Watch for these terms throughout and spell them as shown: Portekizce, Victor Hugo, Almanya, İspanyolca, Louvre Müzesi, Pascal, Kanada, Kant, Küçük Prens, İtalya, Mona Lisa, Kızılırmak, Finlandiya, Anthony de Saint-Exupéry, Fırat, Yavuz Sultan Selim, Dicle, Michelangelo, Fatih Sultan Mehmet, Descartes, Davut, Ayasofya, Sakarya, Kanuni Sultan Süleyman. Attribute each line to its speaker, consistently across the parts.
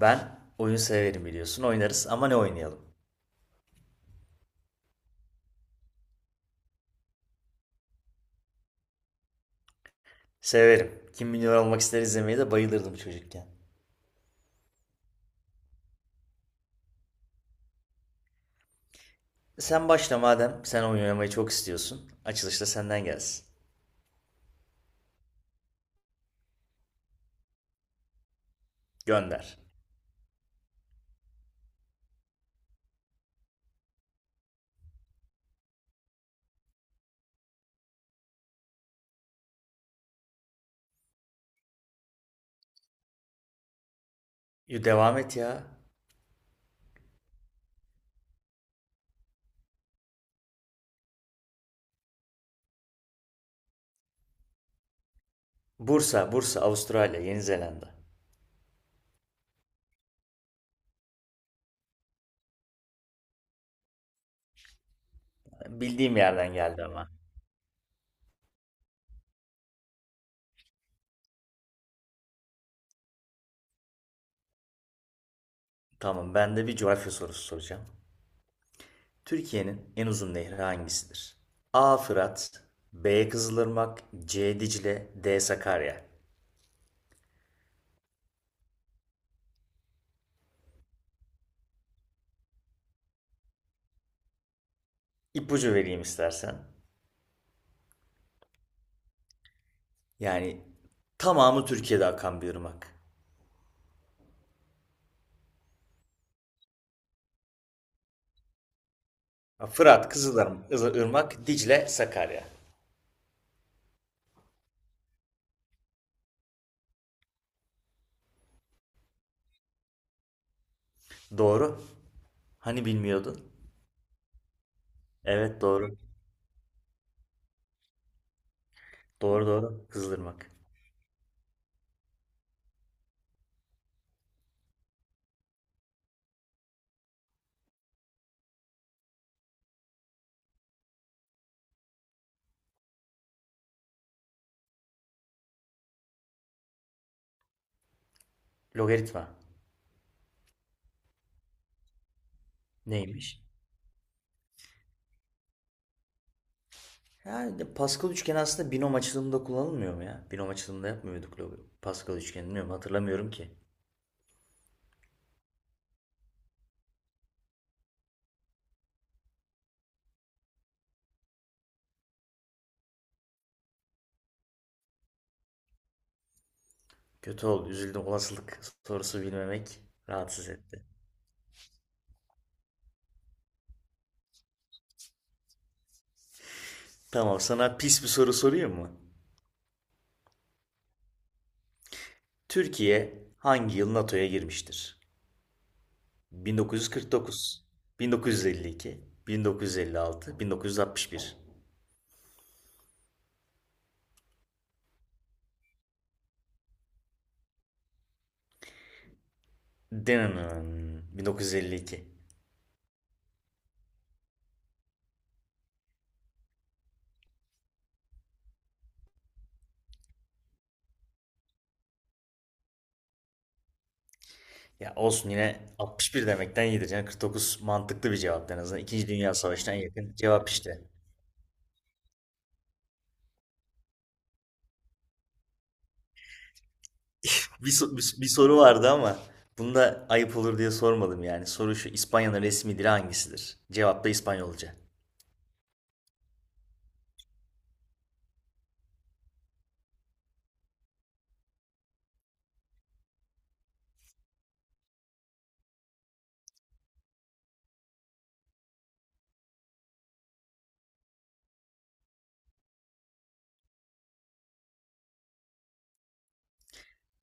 Speaker 1: Ben oyun severim biliyorsun. Oynarız ama ne oynayalım? Severim. Kim Milyoner Olmak ister izlemeyi de bayılırdım çocukken. Sen başla madem. Sen oyun oynamayı çok istiyorsun. Açılışta senden gelsin. Gönder. Yo, devam et ya. Avustralya, Yeni Zelanda. Bildiğim yerden geldi ama. Tamam, ben de bir coğrafya sorusu soracağım. Türkiye'nin en uzun nehri hangisidir? A. Fırat, B. Kızılırmak, C. Dicle, D. Sakarya. İpucu vereyim istersen. Yani tamamı Türkiye'de akan bir ırmak. Fırat, Kızılırmak, Irmak, Dicle, Sakarya. Doğru. Hani bilmiyordun? Evet, doğru. Doğru, doğru. Kızılırmak. Logaritma. Neymiş? Yani Pascal üçgeni aslında binom açılımında kullanılmıyor mu ya? Binom açılımında yapmıyorduk. Pascal üçgenini bilmiyorum, hatırlamıyorum ki. Kötü oldu, üzüldüm, olasılık sorusu bilmemek rahatsız etti. Tamam, sana pis bir soru sorayım mı? Türkiye hangi yıl NATO'ya girmiştir? 1949, 1952, 1956, 1961. Denen 1952. Ya olsun, yine 61 demekten iyidir. Yani 49 mantıklı bir cevap en azından. İkinci Dünya Savaşı'na yakın cevap işte. Bir soru vardı ama bunu da ayıp olur diye sormadım yani. Soru şu: İspanya'nın resmi dili hangisidir? Cevap da İspanyolca.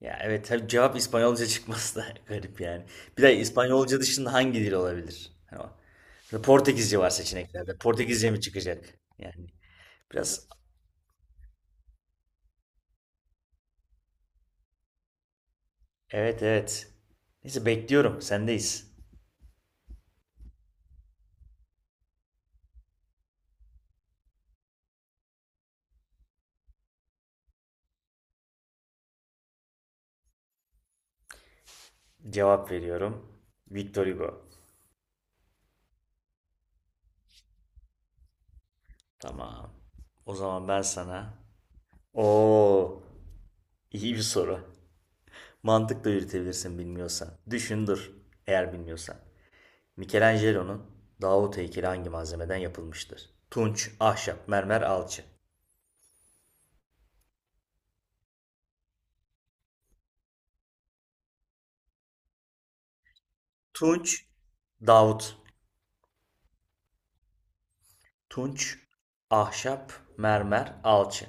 Speaker 1: Ya evet, tabii cevap İspanyolca çıkması da garip yani. Bir de İspanyolca dışında hangi dil olabilir? Mesela Portekizce var seçeneklerde. Portekizce mi çıkacak? Yani biraz, evet, evet. Neyse, bekliyorum. Sendeyiz. Cevap veriyorum. Victor Hugo. Tamam. O zaman ben sana. Oo, iyi bir soru. Mantıkla yürütebilirsin bilmiyorsan. Düşün dur eğer bilmiyorsan. Michelangelo'nun Davut heykeli hangi malzemeden yapılmıştır? Tunç, ahşap, mermer, alçı. Tunç, Davut. Tunç, ahşap, mermer, alçı.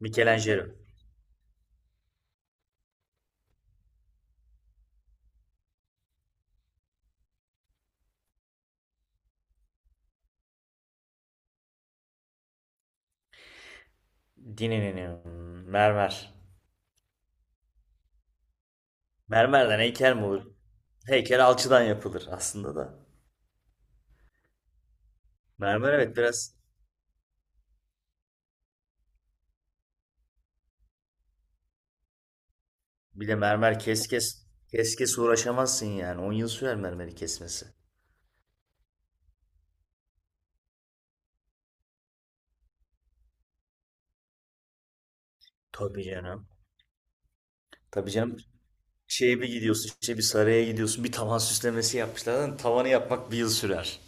Speaker 1: Michelangelo. Dininin mermer. Mermerden heykel mi olur? Heykel alçıdan yapılır aslında da. Mermer, evet, biraz. Bir de mermer kes kes. Kes kes uğraşamazsın yani. 10 yıl sürer mermeri kesmesi. Tabii canım. Tabii canım. Şeye bir gidiyorsun, işte bir saraya gidiyorsun, bir tavan süslemesi yapmışlar. Lan tavanı yapmak bir yıl sürer.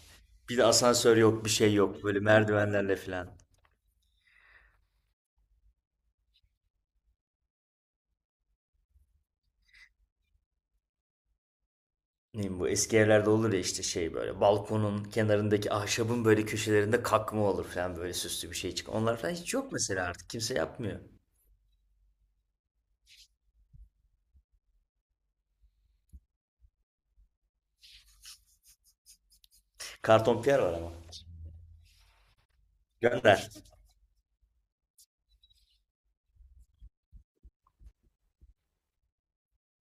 Speaker 1: Bir de asansör yok, bir şey yok, böyle merdivenlerle filan. Ne bileyim, bu eski evlerde olur ya işte şey, böyle balkonun kenarındaki ahşabın böyle köşelerinde kakma olur falan, böyle süslü bir şey çık. Onlar falan hiç yok mesela, artık kimse yapmıyor. Kartonpiyer var ama. Gönder.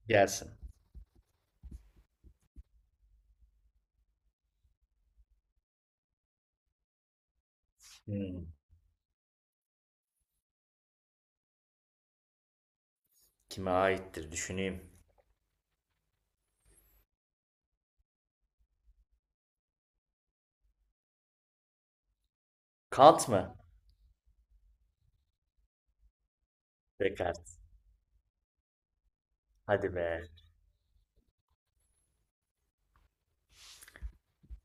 Speaker 1: Gelsin. Hmm, Kime aittir düşüneyim. Kant mı? Descartes. Hadi be.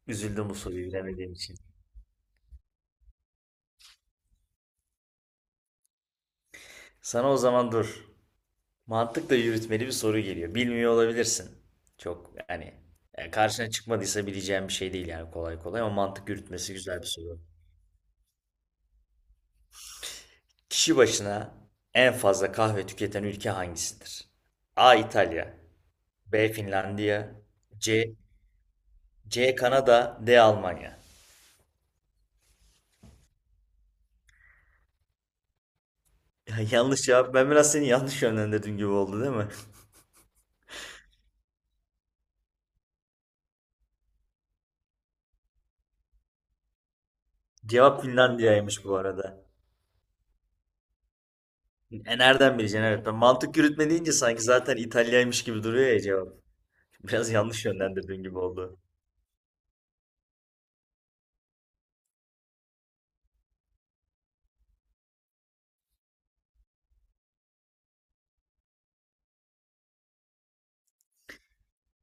Speaker 1: Üzüldüm bu soruyu bilemediğim için. Sana o zaman dur. Mantıkla yürütmeli bir soru geliyor. Bilmiyor olabilirsin. Çok yani karşına çıkmadıysa bileceğin bir şey değil yani kolay kolay, ama mantık yürütmesi güzel bir soru. Kişi başına en fazla kahve tüketen ülke hangisidir? A. İtalya, B. Finlandiya, C. C. Kanada, D. Almanya. Ya, yanlış cevap. Ben biraz seni yanlış yönlendirdim gibi oldu, değil mi? Cevap Finlandiya'ymış bu arada. E nereden bileceksin? Evet, ben mantık yürütme deyince sanki zaten İtalya'ymış gibi duruyor ya cevap. Biraz yanlış yönlendirdiğin gibi oldu.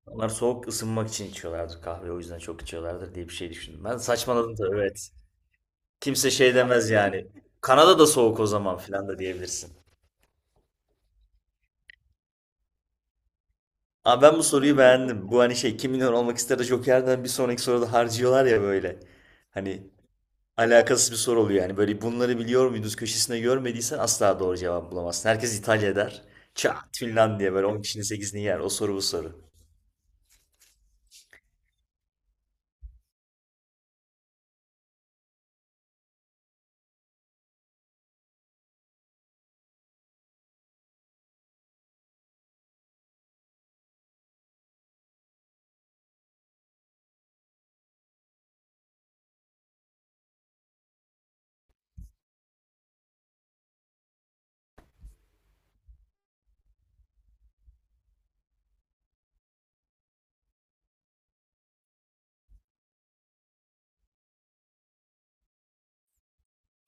Speaker 1: Onlar soğuk, ısınmak için içiyorlardır kahve, o yüzden çok içiyorlardır diye bir şey düşündüm. Ben saçmaladım da, evet. Kimse şey demez yani. Kanada da soğuk o zaman filan da diyebilirsin. Abi, ben bu soruyu beğendim. Bu hani şey, Kim Milyon Olmak ister de Joker'den bir sonraki soruda harcıyorlar ya böyle. Hani alakasız bir soru oluyor yani. Böyle bunları biliyor muydunuz köşesine görmediysen asla doğru cevap bulamazsın. Herkes İtalya der. Çat, Finlandiya, böyle 10 kişinin 8'ini yer. O soru bu soru.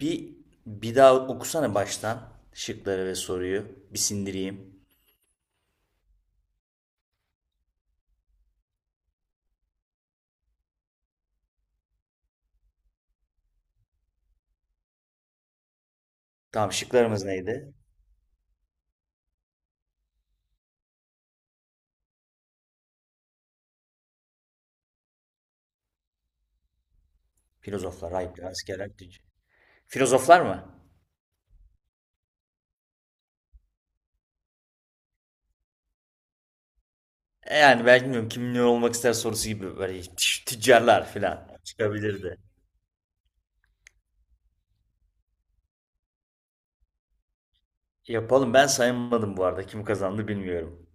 Speaker 1: Bir, bir daha okusana baştan şıkları ve soruyu. Bir sindireyim. Tamam, şıklarımız neydi? Filozoflar, ayıplar, askerler, filozoflar mı? Yani ben bilmiyorum, kim ne olmak ister sorusu gibi böyle tüccarlar falan çıkabilirdi. Yapalım, ben saymadım bu arada, kim kazandı bilmiyorum.